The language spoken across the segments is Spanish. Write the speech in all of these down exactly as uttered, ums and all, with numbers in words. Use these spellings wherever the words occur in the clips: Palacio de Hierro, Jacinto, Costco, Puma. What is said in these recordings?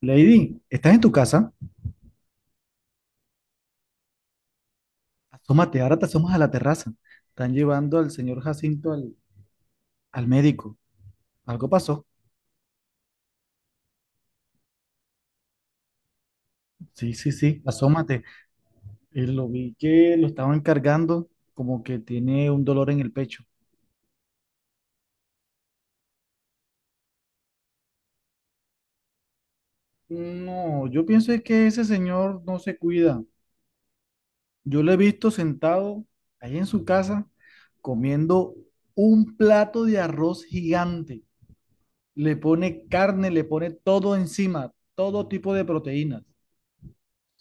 Lady, ¿estás en tu casa? Asómate, ahora te asomas a la terraza. Están llevando al señor Jacinto al, al médico. ¿Algo pasó? Sí, sí, sí, asómate. Eh, lo vi que lo estaban cargando, como que tiene un dolor en el pecho. No, yo pienso es que ese señor no se cuida. Yo lo he visto sentado ahí en su casa comiendo un plato de arroz gigante. Le pone carne, le pone todo encima, todo tipo de proteínas.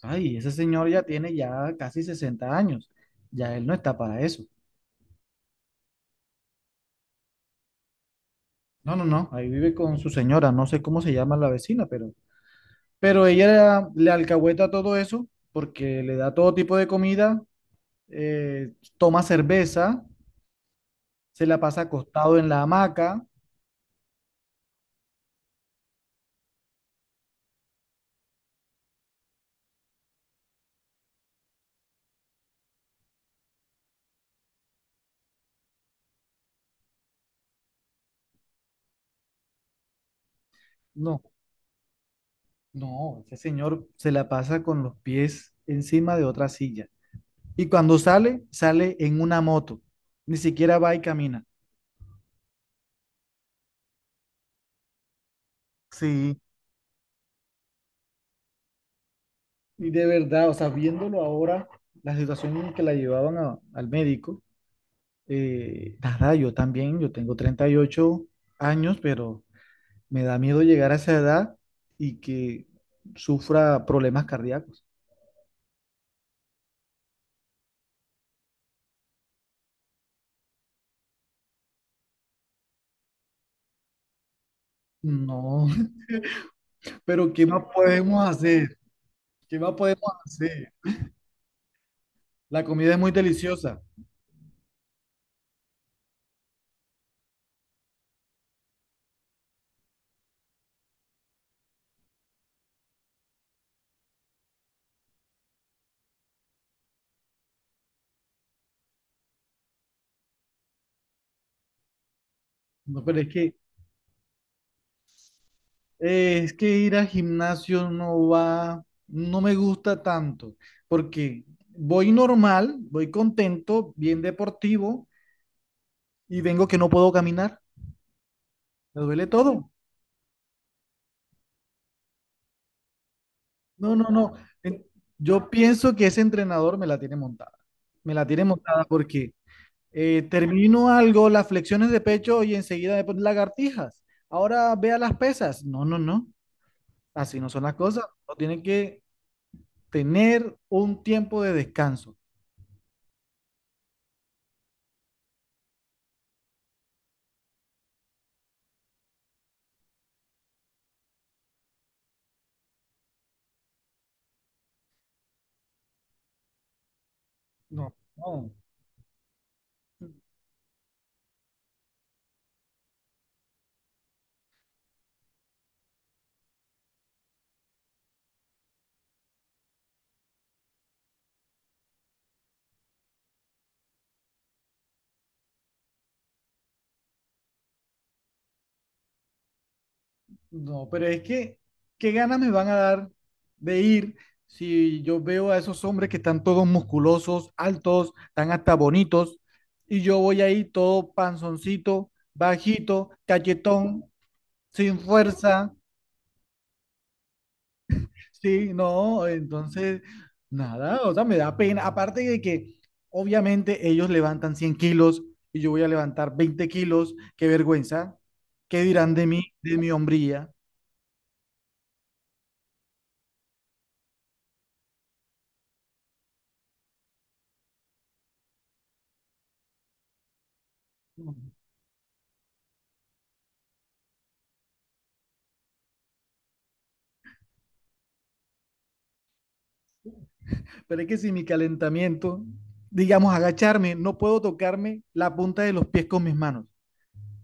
Ay, ese señor ya tiene ya casi sesenta años. Ya él no está para eso. No, no, no. Ahí vive con su señora. No sé cómo se llama la vecina, pero, pero ella le alcahueta todo eso porque le da todo tipo de comida, eh, toma cerveza, se la pasa acostado en la hamaca. No, no, ese señor se la pasa con los pies encima de otra silla. Y cuando sale, sale en una moto. Ni siquiera va y camina. Sí. Y de verdad, o sea, viéndolo ahora, la situación en que la llevaban a- al médico, eh, nada, yo también, yo tengo treinta y ocho años, pero me da miedo llegar a esa edad y que sufra problemas cardíacos. No, pero ¿qué más podemos hacer? ¿Qué más podemos hacer? La comida es muy deliciosa. No, pero es que Eh, es que ir al gimnasio no va, no me gusta tanto, porque voy normal, voy contento, bien deportivo, y vengo que no puedo caminar, me duele todo. No, no, no. Eh, Yo pienso que ese entrenador me la tiene montada, me la tiene montada porque eh, termino algo, las flexiones de pecho y enseguida de lagartijas. Ahora vea las pesas. No, no, no, así no son las cosas. Uno tiene que tener un tiempo de descanso. No, no, no, pero es que, ¿qué ganas me van a dar de ir si yo veo a esos hombres que están todos musculosos, altos, están hasta bonitos, y yo voy ahí todo panzoncito, bajito, cachetón, sin fuerza, sí, no, entonces, nada, o sea, me da pena, aparte de que obviamente ellos levantan cien kilos y yo voy a levantar veinte kilos, qué vergüenza, qué dirán de mí, de mi hombría. Pero es que si mi calentamiento, digamos, agacharme, no puedo tocarme la punta de los pies con mis manos.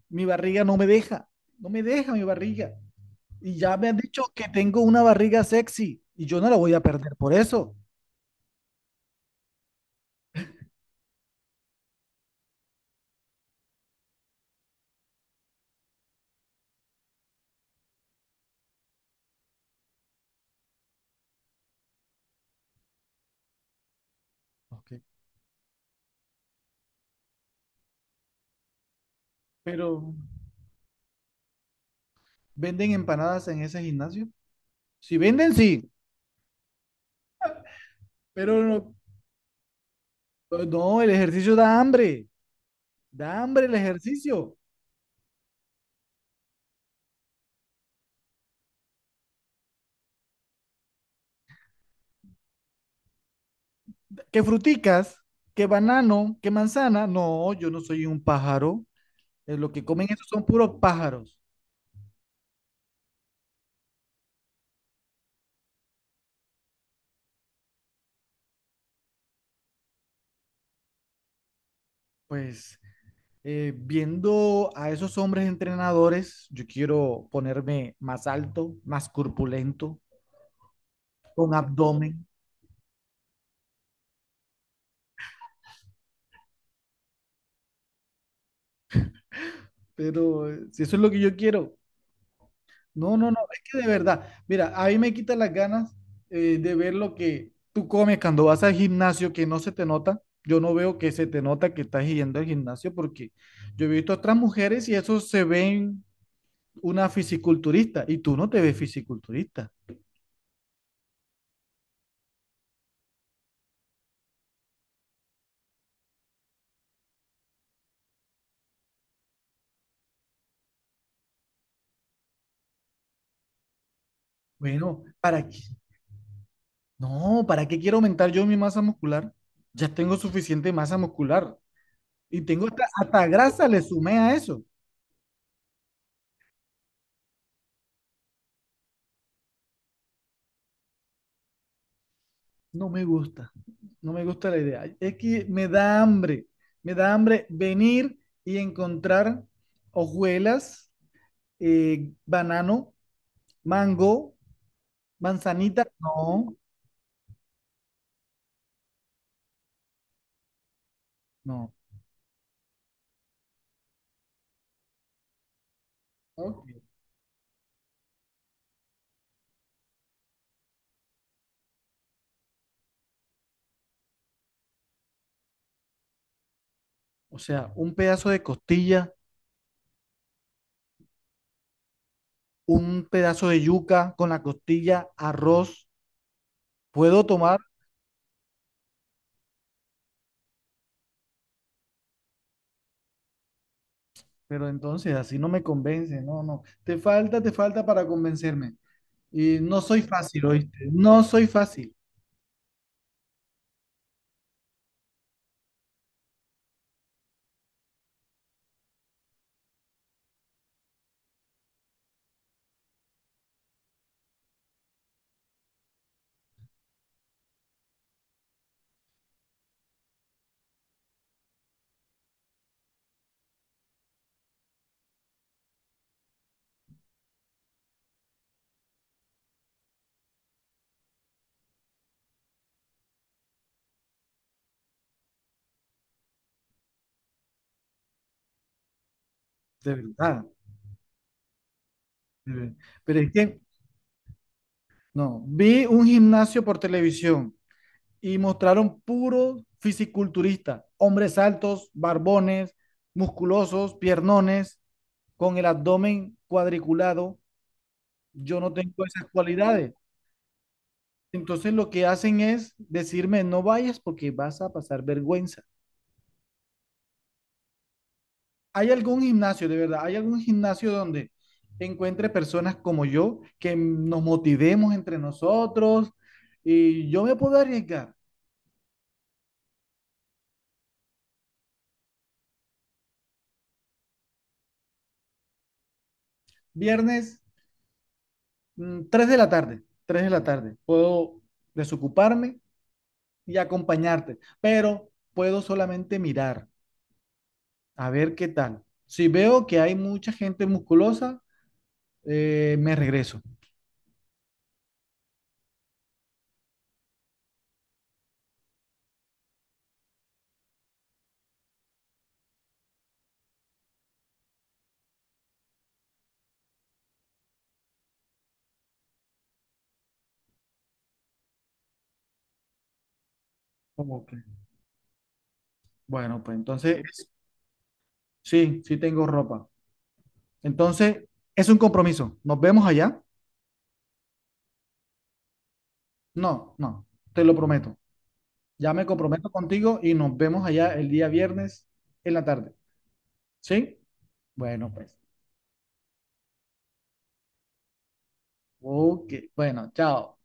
Mi barriga no me deja, no me deja mi barriga. Y ya me han dicho que tengo una barriga sexy y yo no la voy a perder por eso. Ok. Pero, ¿venden empanadas en ese gimnasio? Si venden, sí, pero no, no, el ejercicio da hambre, da hambre el ejercicio. ¿Qué fruticas? ¿Qué banano? ¿Qué manzana? No, yo no soy un pájaro. Eh, Lo que comen esos son puros pájaros. Pues eh, viendo a esos hombres entrenadores, yo quiero ponerme más alto, más corpulento, con abdomen, pero eh, si eso es lo que yo quiero, no, no, no, es que de verdad, mira, a mí me quita las ganas eh, de ver lo que tú comes cuando vas al gimnasio que no se te nota. Yo no veo que se te nota que estás yendo al gimnasio porque yo he visto a otras mujeres y eso se ven una fisiculturista y tú no te ves fisiculturista. Bueno, ¿para No, ¿para qué quiero aumentar yo mi masa muscular? Ya tengo suficiente masa muscular y tengo hasta, hasta grasa, le sumé a eso. No me gusta, no me gusta la idea. Es que me da hambre, me da hambre venir y encontrar hojuelas, eh, banano, mango, manzanita. No, no. No. O sea, un pedazo de costilla, un pedazo de yuca con la costilla, arroz. Puedo tomar Pero entonces así no me convence, no, no. Te falta, te falta para convencerme. Y no soy fácil, ¿oíste? No soy fácil, de verdad. de ver- Pero es que, no, vi un gimnasio por televisión y mostraron puros fisiculturistas, hombres altos, barbones, musculosos, piernones, con el abdomen cuadriculado. Yo no tengo esas cualidades. Entonces lo que hacen es decirme, no vayas porque vas a pasar vergüenza. ¿Hay algún gimnasio, de verdad? ¿Hay algún gimnasio donde encuentre personas como yo que nos motivemos entre nosotros? Y yo me puedo arriesgar. Viernes, mm, tres de la tarde, tres de la tarde. Puedo desocuparme y acompañarte, pero puedo solamente mirar a ver qué tal. Si veo que hay mucha gente musculosa, eh, me regreso. Como que, Bueno, pues entonces, sí, sí tengo ropa. Entonces, es un compromiso. Nos vemos allá. No, no, te lo prometo. Ya me comprometo contigo y nos vemos allá el día viernes en la tarde. ¿Sí? Bueno, pues. Ok, bueno, chao.